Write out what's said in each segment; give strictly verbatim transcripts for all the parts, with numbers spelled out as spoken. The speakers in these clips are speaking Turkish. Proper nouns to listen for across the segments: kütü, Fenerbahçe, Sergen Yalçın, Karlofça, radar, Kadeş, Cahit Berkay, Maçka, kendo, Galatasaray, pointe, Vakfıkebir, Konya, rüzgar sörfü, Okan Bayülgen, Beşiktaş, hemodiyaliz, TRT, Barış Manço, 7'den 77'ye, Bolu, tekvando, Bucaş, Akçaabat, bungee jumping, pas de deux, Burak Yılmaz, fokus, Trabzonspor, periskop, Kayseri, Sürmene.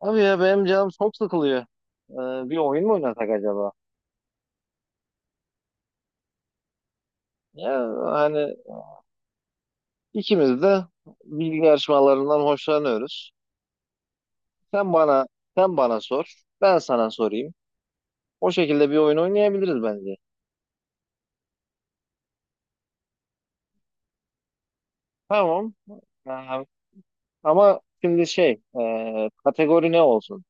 Abi ya benim canım çok sıkılıyor. Ee, bir oyun mu oynasak acaba? Ya hani ikimiz de bilgi yarışmalarından hoşlanıyoruz. Sen bana sen bana sor, ben sana sorayım. O şekilde bir oyun oynayabiliriz bence. Tamam. Ee, Ama şimdi şey, e, kategori ne olsun?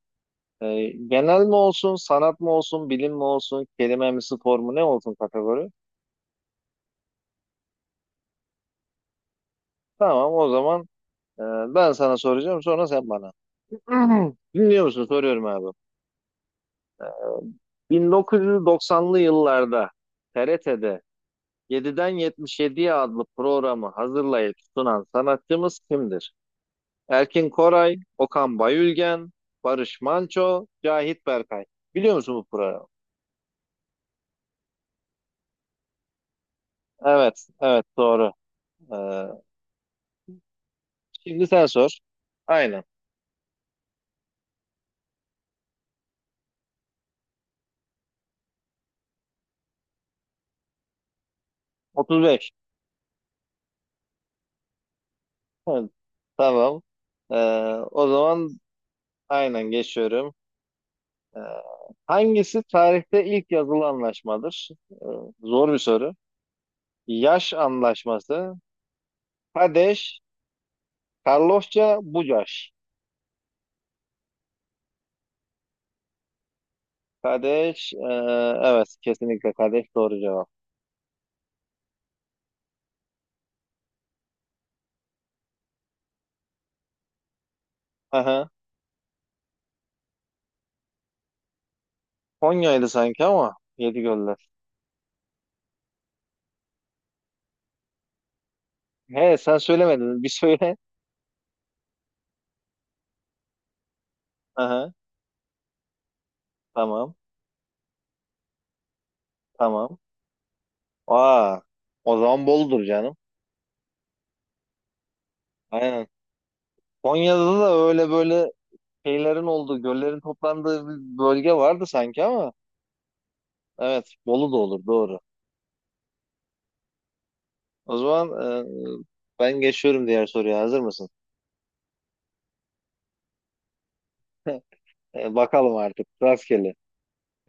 E, genel mi olsun, sanat mı olsun, bilim mi olsun, kelime mi, spor mu ne olsun kategori? Tamam o zaman, e, ben sana soracağım sonra sen bana. Dinliyor musun? Soruyorum abi. bin dokuz yüz doksanlı yıllarda T R T'de yediden yetmiş yediye adlı programı hazırlayıp sunan sanatçımız kimdir? Erkin Koray, Okan Bayülgen, Barış Manço, Cahit Berkay. Biliyor musun bu programı? Evet, evet doğru. Ee, Şimdi sen sor. Aynen. otuz beş. Evet, tamam. Ee, O zaman aynen geçiyorum. Ee, Hangisi tarihte ilk yazılı anlaşmadır? Ee, zor bir soru. Yaş anlaşması. Kadeş, Karlofça, Bucaş. Kadeş, e, evet kesinlikle Kadeş doğru cevap. Aha. Konya'ydı sanki ama yedi göller. He, sen söylemedin bir söyle. Aha, tamam tamam. Aa, o zaman Bolu'dur canım. Aynen. Konya'da da öyle böyle şeylerin olduğu, göllerin toplandığı bir bölge vardı sanki ama evet Bolu da olur doğru. O zaman, e, ben geçiyorum, diğer soruya hazır mısın? E, bakalım artık rastgele.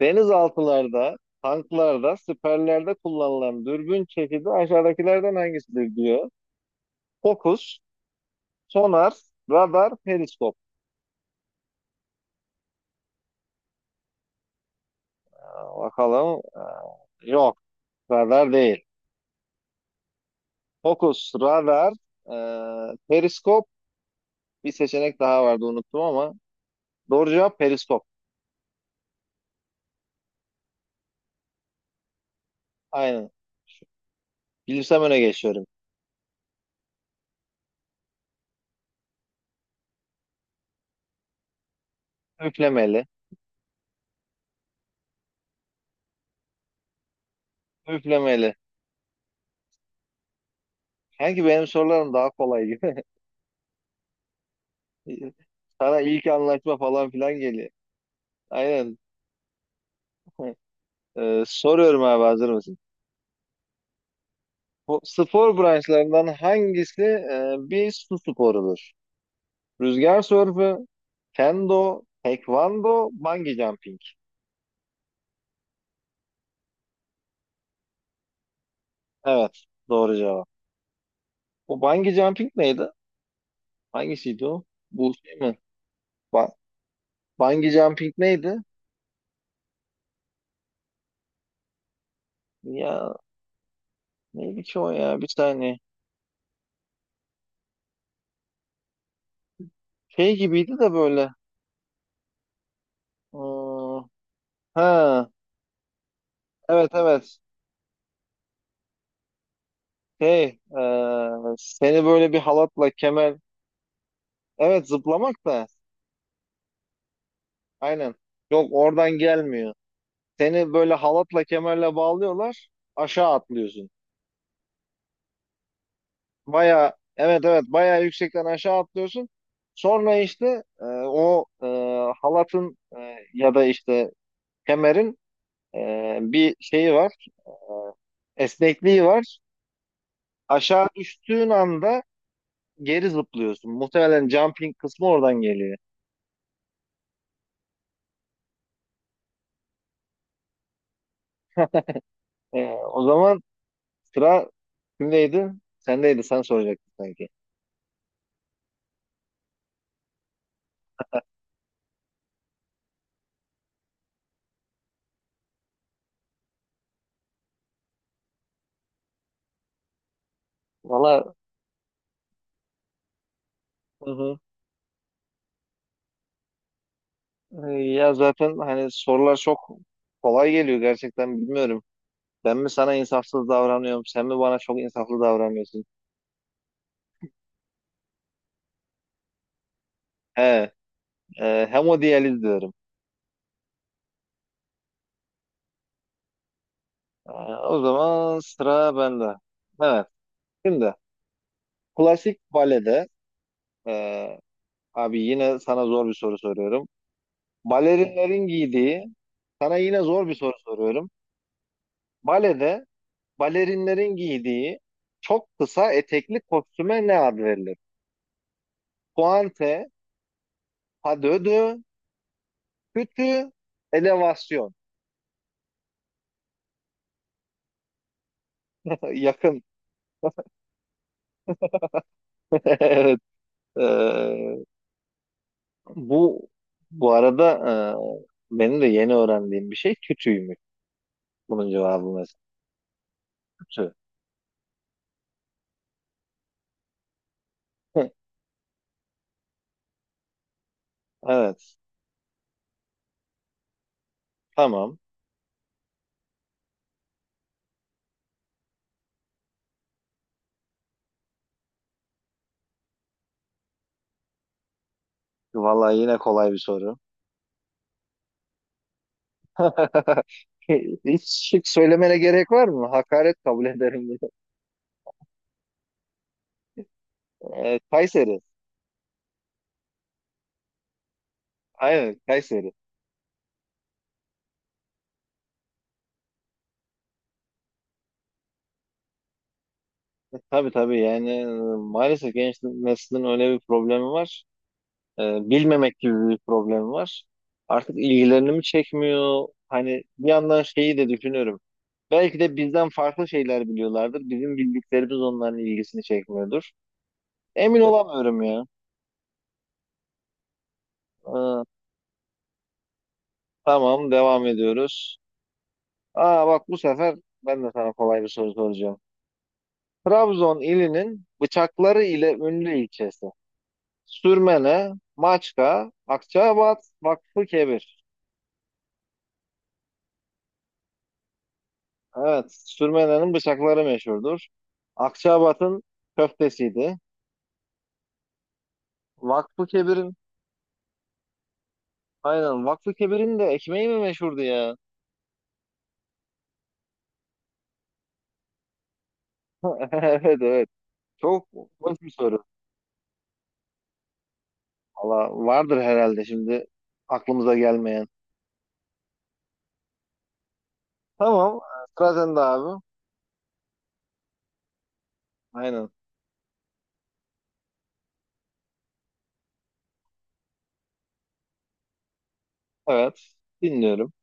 Denizaltılarda, tanklarda, siperlerde kullanılan dürbün çeşidi aşağıdakilerden hangisidir diyor. Fokus, sonar, radar, periskop. Aa, bakalım. Aa, yok, radar değil. Fokus, radar, e, periskop. Bir seçenek daha vardı unuttum ama. Doğru cevap periskop. Aynen. Bilirsem öne geçiyorum. Üflemeli, üflemeli. Sanki benim sorularım daha kolay gibi. Sana ilk anlaşma falan filan geliyor. Aynen. Ee, soruyorum abi, hazır mısın? Bu spor branşlarından hangisi e, bir su sporudur? Rüzgar sörfü, kendo, tekvando, bungee jumping. Evet, doğru cevap. O bungee jumping neydi? Hangisiydi o? Bu şey mi? Ba Bungee jumping neydi? Ya neydi ki o ya? Bir saniye. Şey gibiydi de böyle. Aa, ha, evet evet. Şey, e, seni böyle bir halatla kemer. Evet, zıplamak da. Aynen. Yok, oradan gelmiyor. Seni böyle halatla kemerle bağlıyorlar. Aşağı atlıyorsun. Baya, evet evet, baya yüksekten aşağı atlıyorsun. Sonra işte, e, o e, halatın, e, ya da işte kemerin e, bir şeyi var. Esnekliği var. Aşağı düştüğün anda geri zıplıyorsun. Muhtemelen jumping kısmı oradan geliyor. E, O zaman sıra kimdeydi? Sendeydi. Sen soracaktın sanki. Valla, hı hı. Ya zaten hani sorular çok kolay geliyor, gerçekten bilmiyorum. Ben mi sana insafsız davranıyorum, sen mi bana çok insaflı davranıyorsun? He, e, hemodiyaliz diyorum. E, O zaman sıra bende. Evet, şimdi klasik balede, e, abi yine sana zor bir soru soruyorum. Balerinlerin giydiği, sana yine zor bir soru soruyorum. Balede balerinlerin giydiği çok kısa etekli kostüme ne ad verilir? Pointe, pas de deux, kötü, elevasyon. Yakın. Evet. eee, bu bu arada, eee, benim de yeni öğrendiğim bir şey kütüymüş. Bunun cevabı mesela. Kütü. Evet. Tamam. Vallahi yine kolay bir soru. Hiç şık söylemene gerek var mı? Hakaret kabul ederim. Eee, Kayseri. Aynen, Kayseri. Tabii tabii, yani, e, maalesef genç neslin öyle bir problemi var. E, Bilmemek gibi bir problem var. Artık ilgilerini mi çekmiyor? Hani bir yandan şeyi de düşünüyorum. Belki de bizden farklı şeyler biliyorlardır. Bizim bildiklerimiz onların ilgisini çekmiyordur. Emin olamıyorum ya. Ee, tamam, devam ediyoruz. Aa, bak bu sefer ben de sana kolay bir soru soracağım. Trabzon ilinin bıçakları ile ünlü ilçesi. Sürmene, Maçka, Akçaabat, Vakfıkebir. Evet, Sürmelerin bıçakları meşhurdur. Akçaabat'ın köftesiydi. Vakfı Kebir'in, aynen Vakfı Kebir'in de ekmeği mi meşhurdu ya? Evet, evet. Çok hoş bir soru. Valla vardır herhalde şimdi aklımıza gelmeyen. Tamam, sıra sende abi. Aynen. Evet, dinliyorum.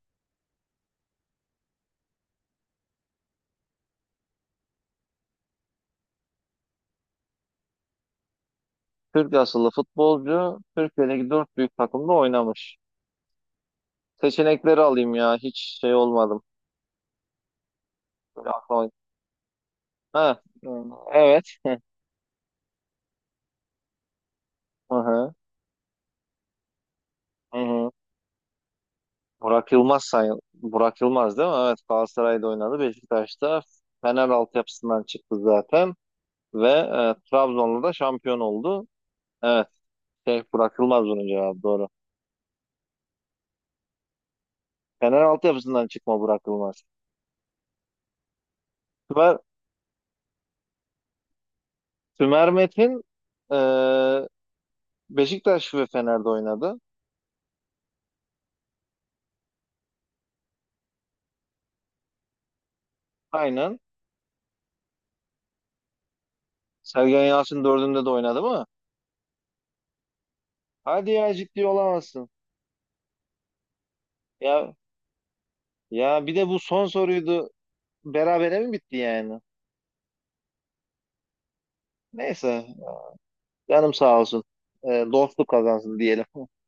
Türk asıllı futbolcu, Türkiye'deki dört büyük takımda oynamış. Seçenekleri alayım ya, hiç şey olmadım. Böyle aklıma... Ha, evet. Hı hı. Hı hı. Burak Yılmaz say Burak Yılmaz değil mi? Evet, Galatasaray'da oynadı. Beşiktaş'ta, Fener altyapısından çıktı zaten, ve e, Trabzon'la da şampiyon oldu. Evet, şey Burak Yılmaz, bunun cevabı doğru. Fener altyapısından çıkma Burak Yılmaz. Sümer, Sümer Metin, e, Beşiktaş ve Fener'de oynadı. Aynen. Sergen Yalçın dördünde de oynadı mı? Hadi ya, ciddi olamazsın. Ya ya bir de bu son soruydu. Berabere mi bitti yani? Neyse, canım sağ olsun. Ee, dostluk kazansın diyelim.